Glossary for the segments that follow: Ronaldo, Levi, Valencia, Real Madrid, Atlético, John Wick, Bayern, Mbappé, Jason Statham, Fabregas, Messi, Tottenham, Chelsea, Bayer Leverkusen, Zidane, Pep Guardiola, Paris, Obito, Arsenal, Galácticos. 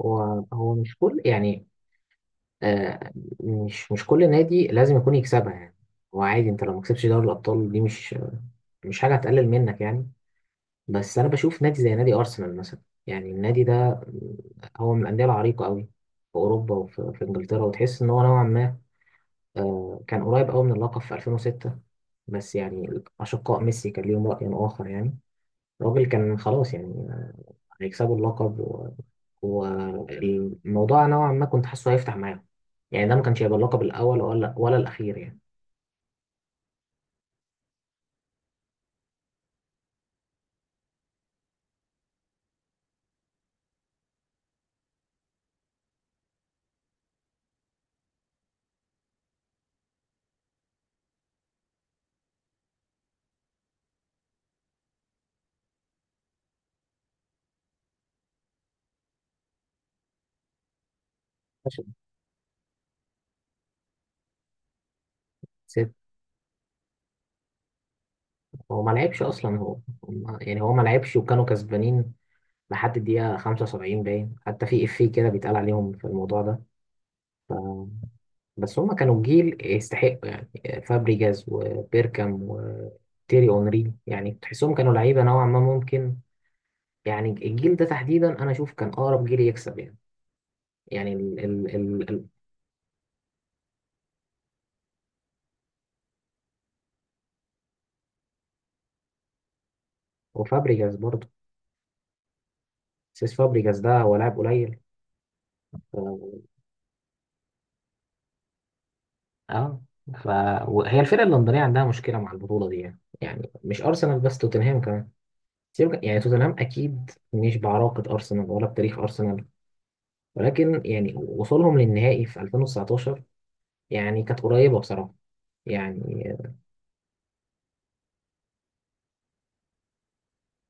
هو مش كل يعني آه مش كل نادي لازم يكون يكسبها يعني. هو عادي، انت لو ما كسبتش دوري الابطال دي مش حاجه هتقلل منك يعني. بس انا بشوف نادي زي نادي ارسنال مثلا، يعني النادي ده هو من الانديه العريقه قوي في اوروبا وفي انجلترا، وتحس ان هو نوعا ما كان قريب قوي من اللقب في 2006. بس يعني اشقاء ميسي كان ليهم راي اخر يعني. الراجل كان خلاص يعني هيكسبوا اللقب و... والموضوع نوعا ما كنت حاسه هيفتح معاهم، يعني ده ما كانش هيبقى اللقب الاول ولا الاخير يعني. ماشي. ست هو ما لعبش اصلا هو، يعني هو ما لعبش وكانوا كسبانين لحد الدقيقه 75، باين حتى في افيه كده بيتقال عليهم في الموضوع ده. بس هم كانوا جيل يستحقوا يعني، فابريجاز وبيركام وتيري اونري، يعني تحسهم كانوا لعيبه نوعا ما ممكن يعني. الجيل ده تحديدا انا اشوف كان اقرب جيل يكسب يعني يعني، وفابريجاز برضه. سيس فابريجاز ده هو لاعب قليل. اه آه. ف... وهي الفرقه اللندنيه عندها مشكله مع البطوله دي يعني، يعني مش ارسنال بس، توتنهام كمان. يعني توتنهام اكيد مش بعراقه ارسنال ولا بتاريخ ارسنال، ولكن يعني وصولهم للنهائي في 2019 يعني كانت قريبه بصراحه يعني.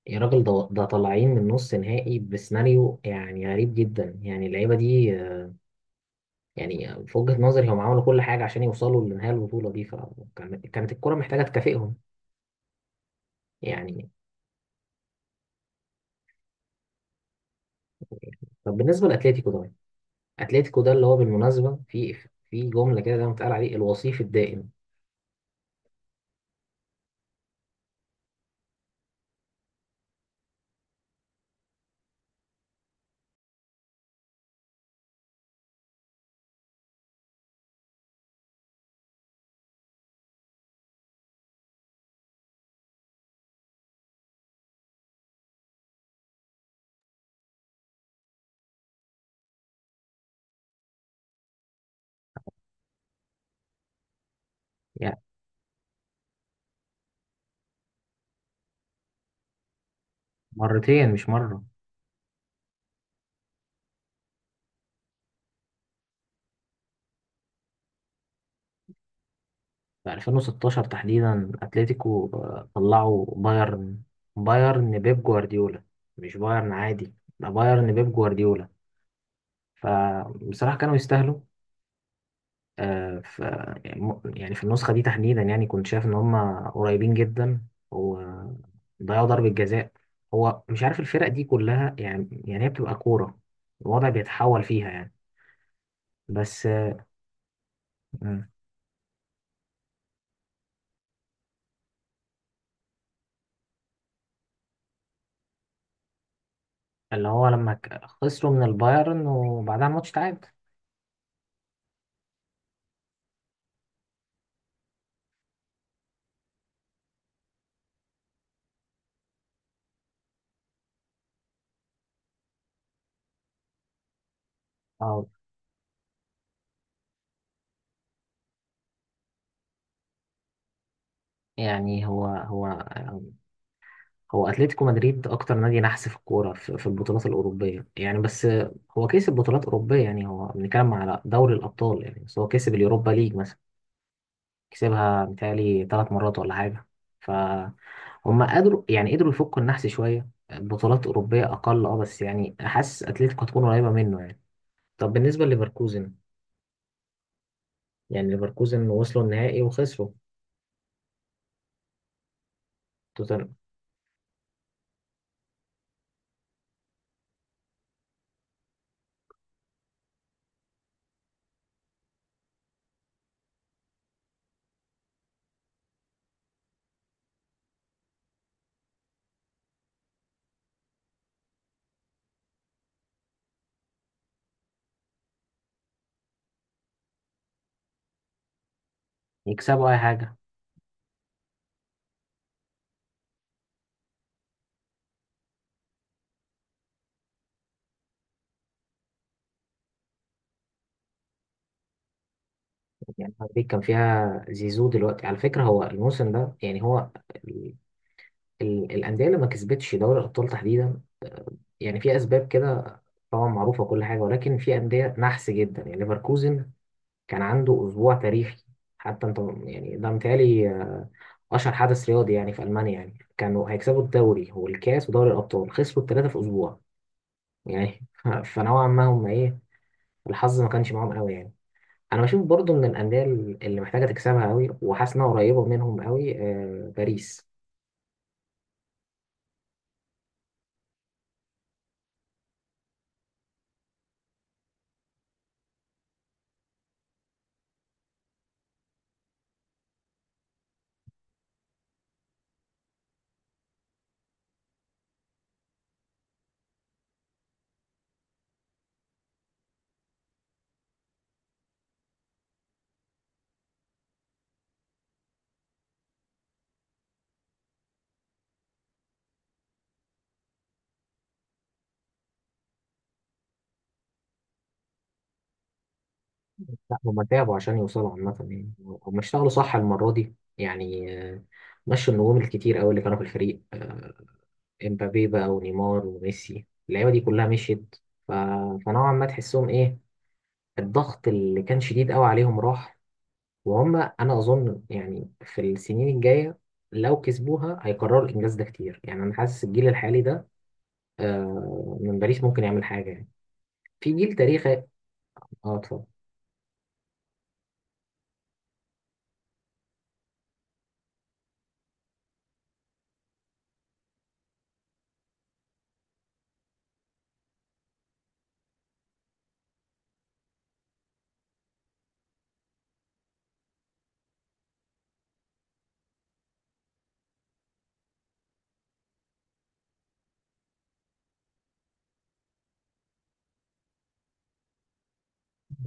يا راجل، ده طالعين من نص نهائي بسيناريو يعني غريب جدا. يعني اللعيبه دي يعني في وجهه نظري هم عملوا كل حاجه عشان يوصلوا لنهايه البطوله دي، فكانت الكره محتاجه تكافئهم يعني. طب بالنسبه لاتلتيكو ده، اتلتيكو ده اللي هو بالمناسبه في جمله كده دايما بتقال عليه الوصيف الدائم. يعني مرتين مش مره. في 2016 تحديدا اتلتيكو طلعوا بايرن، بايرن بيب جوارديولا، مش بايرن عادي، ده بايرن بيب جوارديولا. فبصراحه كانوا يستاهلوا. آه، ف يعني يعني في النسخة دي تحديدا يعني كنت شايف إن هما قريبين جدا وضيعوا ضربة جزاء. هو مش عارف الفرق دي كلها يعني. يعني هي بتبقى كورة الوضع بيتحول فيها يعني. بس مم. اللي هو لما خسروا من البايرن وبعدها الماتش تعاد. اه يعني هو هو اتلتيكو مدريد اكتر نادي نحس في الكوره في البطولات الاوروبيه يعني. بس هو كسب بطولات اوروبيه يعني، هو بنتكلم على دوري الابطال يعني، بس هو كسب اليوروبا ليج مثلا، كسبها متهيألي ثلاث مرات ولا حاجة. فهم قدروا، يعني قدروا يفكوا النحس شوية، بطولات أوروبية أقل أه. بس يعني حاسس أتلتيكو هتكون قريبة منه يعني. طب بالنسبة لليفركوزن، يعني ليفركوزن وصلوا النهائي وخسروا توتنهام، يكسبوا أي حاجة. يعني هارفيك كان فيها زيزو دلوقتي على فكرة. هو الموسم ده يعني هو ال- الأندية اللي ما كسبتش دوري الأبطال تحديدا يعني في أسباب كده طبعا معروفة كل حاجة، ولكن في أندية نحس جدا يعني. ليفركوزن كان عنده أسبوع تاريخي، حتى أنت يعني ده متهيألي أشهر حدث رياضي يعني في ألمانيا. يعني كانوا هيكسبوا الدوري والكاس ودوري الأبطال، خسروا التلاتة في أسبوع يعني فنوعا ما هم إيه، الحظ ما كانش معاهم قوي يعني. أنا بشوف برضو من الأندية اللي محتاجة تكسبها قوي وحاسس إنها قريبة منهم قوي باريس. لا هم تعبوا عشان يوصلوا عامة يعني. هم اشتغلوا صح المرة دي يعني، مشوا النجوم الكتير قوي اللي كانوا في الفريق، امبابي بقى ونيمار وميسي، اللعيبه دي كلها مشيت. ف... فنوعا ما تحسهم ايه، الضغط اللي كان شديد قوي عليهم راح. وهم انا اظن يعني في السنين الجايه لو كسبوها هيكرروا الانجاز ده كتير يعني. انا حاسس الجيل الحالي ده من باريس ممكن يعمل حاجه يعني، في جيل تاريخي. اه اتفضل.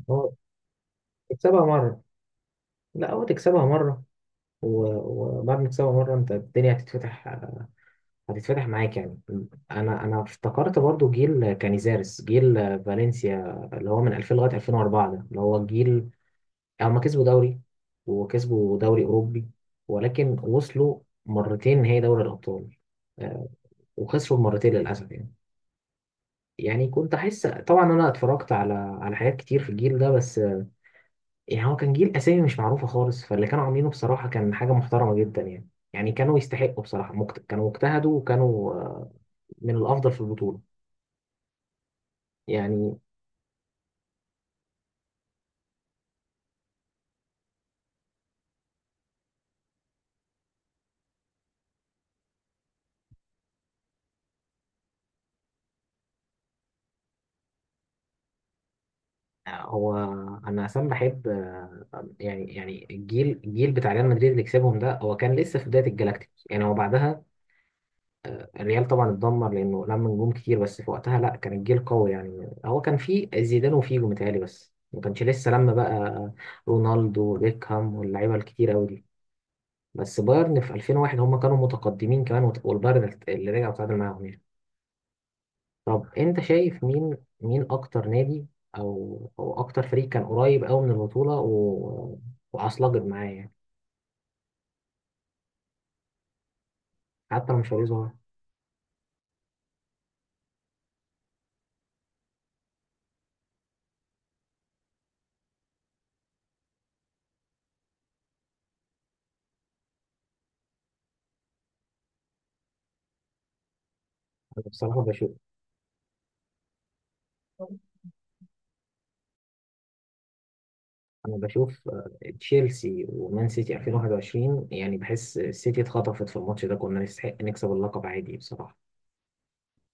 هو تكسبها مره، لا هو تكسبها مره، وبعد ما تكسبها مره انت الدنيا هتتفتح، هتتفتح معاك يعني. انا افتكرت برضو جيل كانيزارس، جيل فالنسيا، اللي هو من 2000 لغايه 2004، ده اللي هو الجيل. هما كسبوا دوري وكسبوا دوري اوروبي، ولكن وصلوا مرتين نهائي دوري الابطال، آه، وخسروا مرتين للاسف يعني. يعني كنت احس طبعا، انا اتفرجت على حاجات كتير في الجيل ده. بس يعني هو كان جيل اسامي مش معروفه خالص، فاللي كانوا عاملينه بصراحه كان حاجه محترمه جدا يعني. يعني كانوا يستحقوا بصراحه، كانوا اجتهدوا وكانوا من الافضل في البطوله يعني. هو انا اصلا بحب، يعني يعني الجيل بتاع ريال مدريد اللي كسبهم ده هو كان لسه في بدايه الجلاكتيكوس يعني. هو بعدها الريال طبعا اتدمر لانه لم نجوم كتير، بس في وقتها لا، كان الجيل قوي يعني. هو كان فيه زيدان وفيجو متهيألي، بس ما كانش لسه لما بقى رونالدو وبيكهام واللعيبه الكتير قوي دي. بس بايرن في 2001 هم كانوا متقدمين كمان، والبايرن اللي رجع وتعادل معاهم يعني. طب انت شايف مين اكتر نادي، او اكتر فريق كان قريب قوي من البطوله و... وعصلجت معاه يعني، حتى لو مش هيظهر. انا بصراحه بشوف، انا بشوف آه، تشيلسي ومان سيتي 2021. يعني بحس السيتي اتخطفت في الماتش ده، كنا نستحق نكسب اللقب عادي بصراحه.